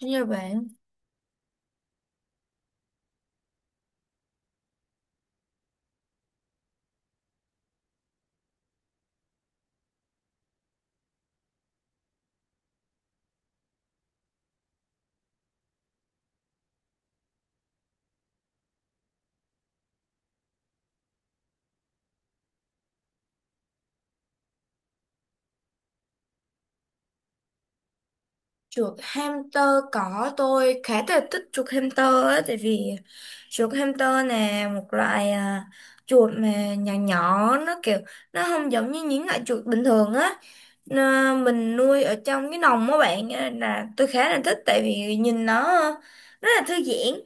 Đúng như bạn. Chuột hamster cỏ, tôi khá là thích chuột hamster á, tại vì chuột hamster nè một loại chuột mà nhỏ nhỏ, nó kiểu nó không giống như những loại chuột bình thường á. Mình nuôi ở trong cái lồng á bạn á, là tôi khá là thích tại vì nhìn nó rất là thư giãn.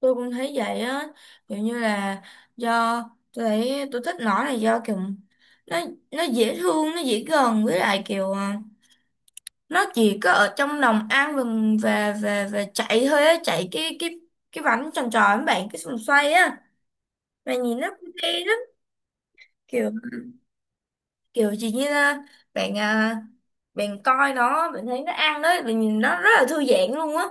Tôi cũng thấy vậy á, kiểu như là do tôi thấy tôi thích nó là do kiểu nó nó dễ thương, nó dễ gần, với lại kiểu nó chỉ có ở trong lòng ăn vừng và chạy thôi á, chạy cái cái bánh tròn tròn với bạn, cái vòng xoay á, mà nhìn nó cũng hay lắm. Kiểu kiểu chỉ như là bạn bạn coi nó, bạn thấy nó ăn đấy, bạn nhìn nó rất là thư giãn luôn á.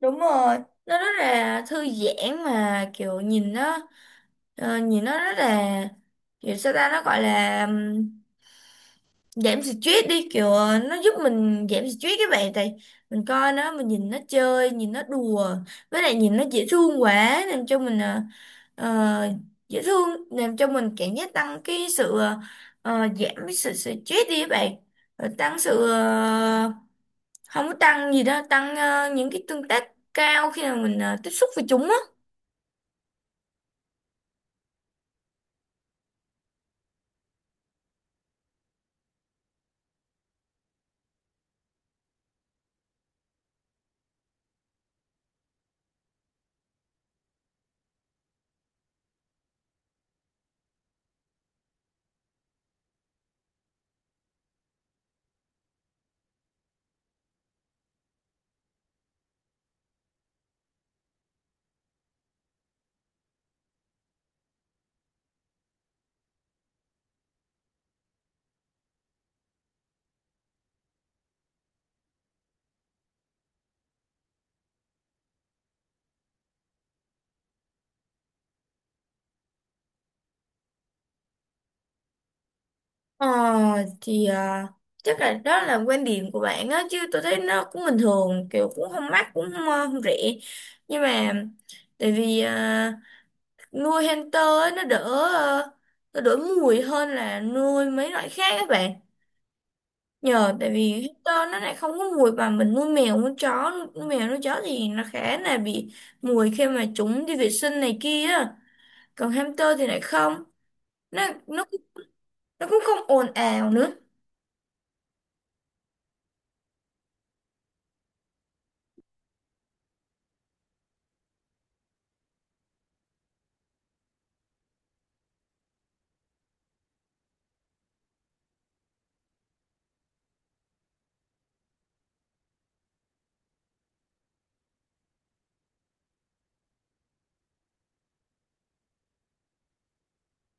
Đúng rồi, nó rất là thư giãn mà, kiểu nhìn nó nhìn nó rất là kiểu sao ta, nó gọi là giảm stress đi, kiểu nó giúp mình giảm stress các bạn, tại mình coi nó, mình nhìn nó chơi, nhìn nó đùa, với lại nhìn nó dễ thương quá làm cho mình ờ, dễ thương làm cho mình cảm giác tăng cái sự giảm cái sự stress đi các bạn. Rồi tăng sự không có tăng gì đó, tăng những cái tương tác cao khi mà mình tiếp xúc với chúng á. Ờ, thì chắc là đó là quan điểm của bạn á, chứ tôi thấy nó cũng bình thường, kiểu cũng không mắc cũng không, không rẻ, nhưng mà tại vì nuôi hamster á, nó đỡ ờ, nó đỡ mùi hơn là nuôi mấy loại khác các bạn, nhờ tại vì hamster nó lại không có mùi, mà mình nuôi mèo nuôi chó, nuôi mèo nuôi chó thì nó khá là bị mùi khi mà chúng đi vệ sinh này kia á. Còn hamster thì lại không, nó nó cũng không ồn ào nữa.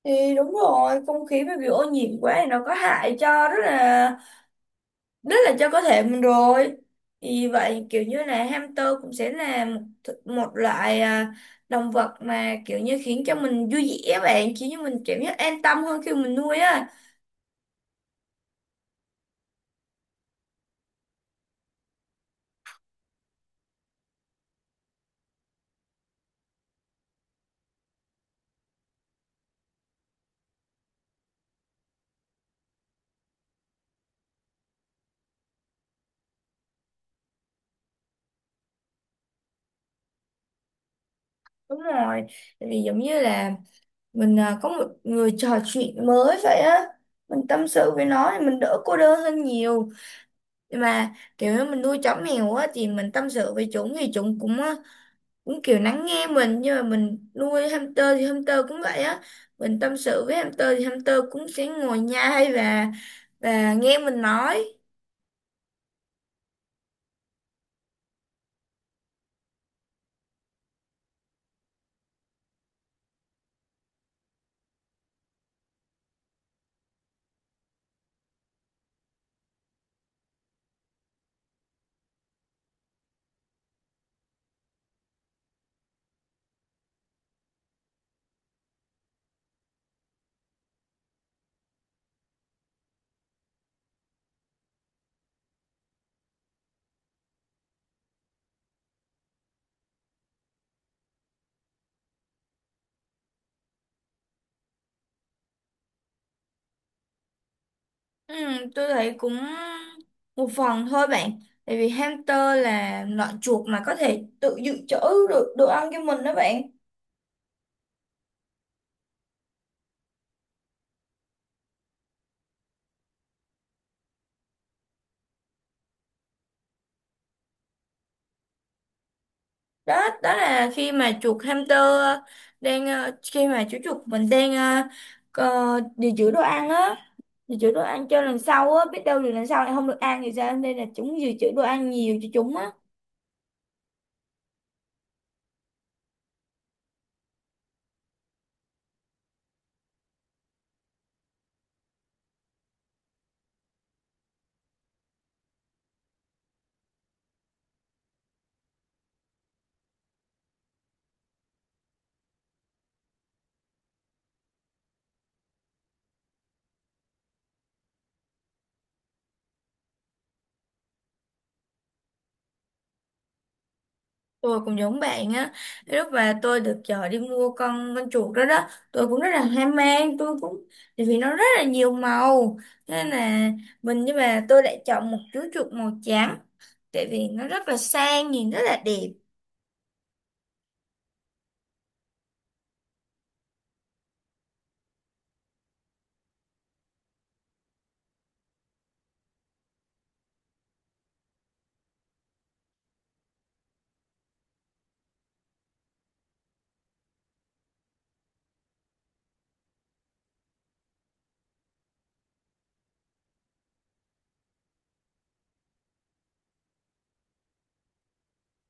Thì đúng rồi, không khí mà bị ô nhiễm quá thì nó có hại cho rất là cho cơ thể mình rồi, thì vậy kiểu như là hamster cũng sẽ là một, một loại động vật mà kiểu như khiến cho mình vui vẻ á bạn, khiến cho mình cảm giác an tâm hơn khi mình nuôi á. Đúng rồi, tại vì giống như là mình có một người trò chuyện mới vậy á, mình tâm sự với nó thì mình đỡ cô đơn hơn nhiều. Nhưng mà kiểu như mình nuôi chó mèo á thì mình tâm sự với chúng thì chúng cũng cũng kiểu lắng nghe mình, nhưng mà mình nuôi hamster thì hamster cũng vậy á, mình tâm sự với hamster thì hamster cũng sẽ ngồi nhai và nghe mình nói. Ừ, tôi thấy cũng một phần thôi bạn, tại vì hamster là loại chuột mà có thể tự dự trữ được đồ ăn cho mình đó bạn. Đó, đó là khi mà chuột hamster đang khi mà chú chuột mình đang dự trữ đồ ăn á, dự trữ đồ ăn cho lần sau á, biết đâu rồi lần sau lại không được ăn thì sao, nên là chúng dự trữ đồ ăn nhiều cho chúng á. Tôi cũng giống bạn á, lúc mà tôi được chợ đi mua con chuột đó đó, tôi cũng rất là hoang mang, tôi cũng tại vì nó rất là nhiều màu, nên là mình, nhưng mà tôi lại chọn một chú chuột màu trắng tại vì nó rất là sang, nhìn rất là đẹp.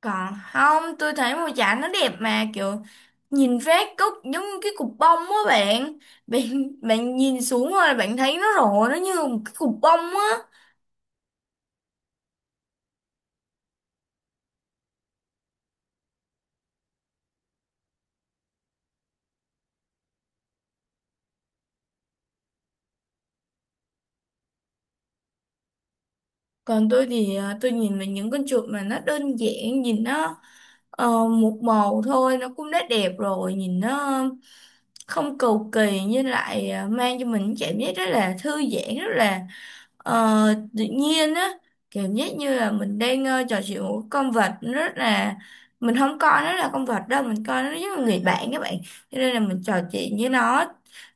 Còn không, tôi thấy mùa giải nó đẹp, mà kiểu nhìn phát cúc giống như cái cục bông á bạn. Bạn bạn nhìn xuống rồi bạn thấy nó rộ, nó như một cái cục bông á. Còn tôi thì tôi nhìn về những con chuột mà nó đơn giản, nhìn nó một màu thôi nó cũng đã đẹp rồi, nhìn nó không cầu kỳ nhưng lại mang cho mình cảm giác rất là thư giãn, rất là Ờ, tự nhiên á, cảm giác như là mình đang trò chuyện một con vật, nó rất là mình không coi nó là con vật đâu, mình coi nó giống như người bạn các bạn, cho nên là mình trò chuyện với nó,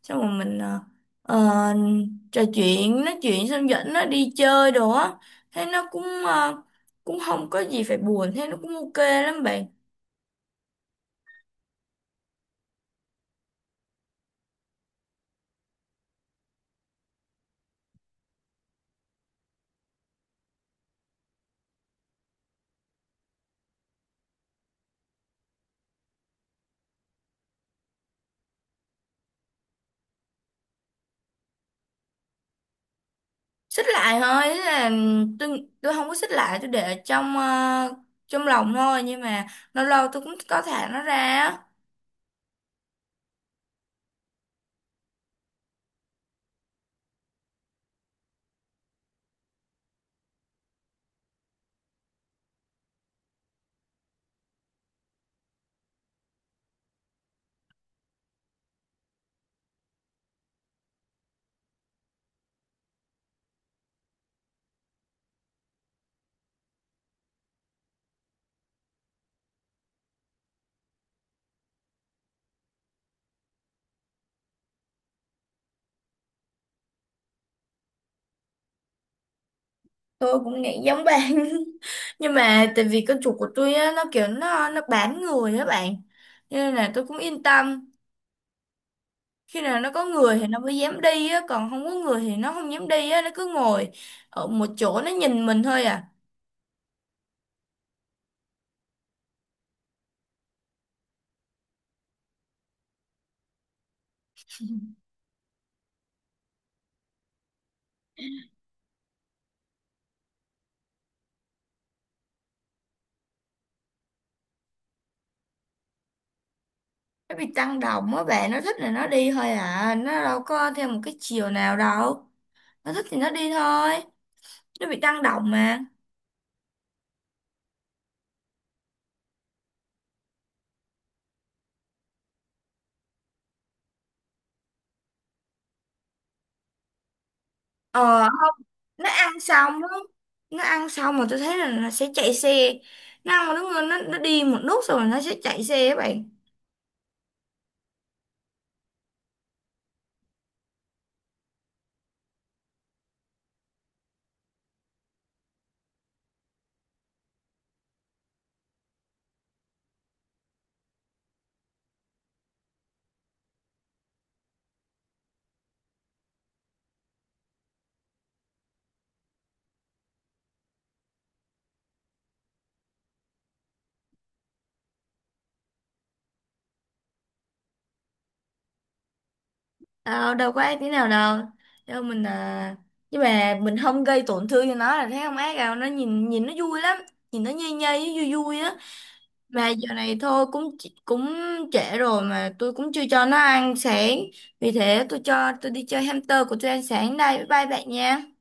xong rồi mình ờ, trò chuyện nói chuyện xong dẫn nó đi chơi đồ á, thế nó cũng cũng không có gì phải buồn, thế nó cũng ok lắm bạn. Xích lại thôi, thế là tôi không có xích lại, tôi để ở trong trong lòng thôi, nhưng mà lâu lâu tôi cũng có thả nó ra á. Tôi cũng nghĩ giống bạn nhưng mà tại vì con chuột của tôi á, nó kiểu nó bám người á bạn, cho nên là tôi cũng yên tâm, khi nào nó có người thì nó mới dám đi á, còn không có người thì nó không dám đi á, nó cứ ngồi ở một chỗ nó nhìn mình thôi à. Nó bị tăng động á bạn, nó thích là nó đi thôi à, nó đâu có theo một cái chiều nào đâu, nó thích thì nó đi thôi, nó bị tăng động mà. Ờ, nó ăn xong á, nó ăn xong mà tôi thấy là nó sẽ chạy xe, nó ăn một lúc nó đi một lúc xong rồi nó sẽ chạy xe các bạn. Đâu đâu có ác tí nào đâu, đâu, mình nhưng mà mình không gây tổn thương cho nó là thấy không ác đâu, nó nhìn, nó vui lắm, nhìn nó nhây nhây vui vui á, mà giờ này thôi cũng cũng trễ rồi mà tôi cũng chưa cho nó ăn sáng, vì thế tôi cho tôi đi chơi hamster của tôi ăn sáng đây, bye bye bạn nha.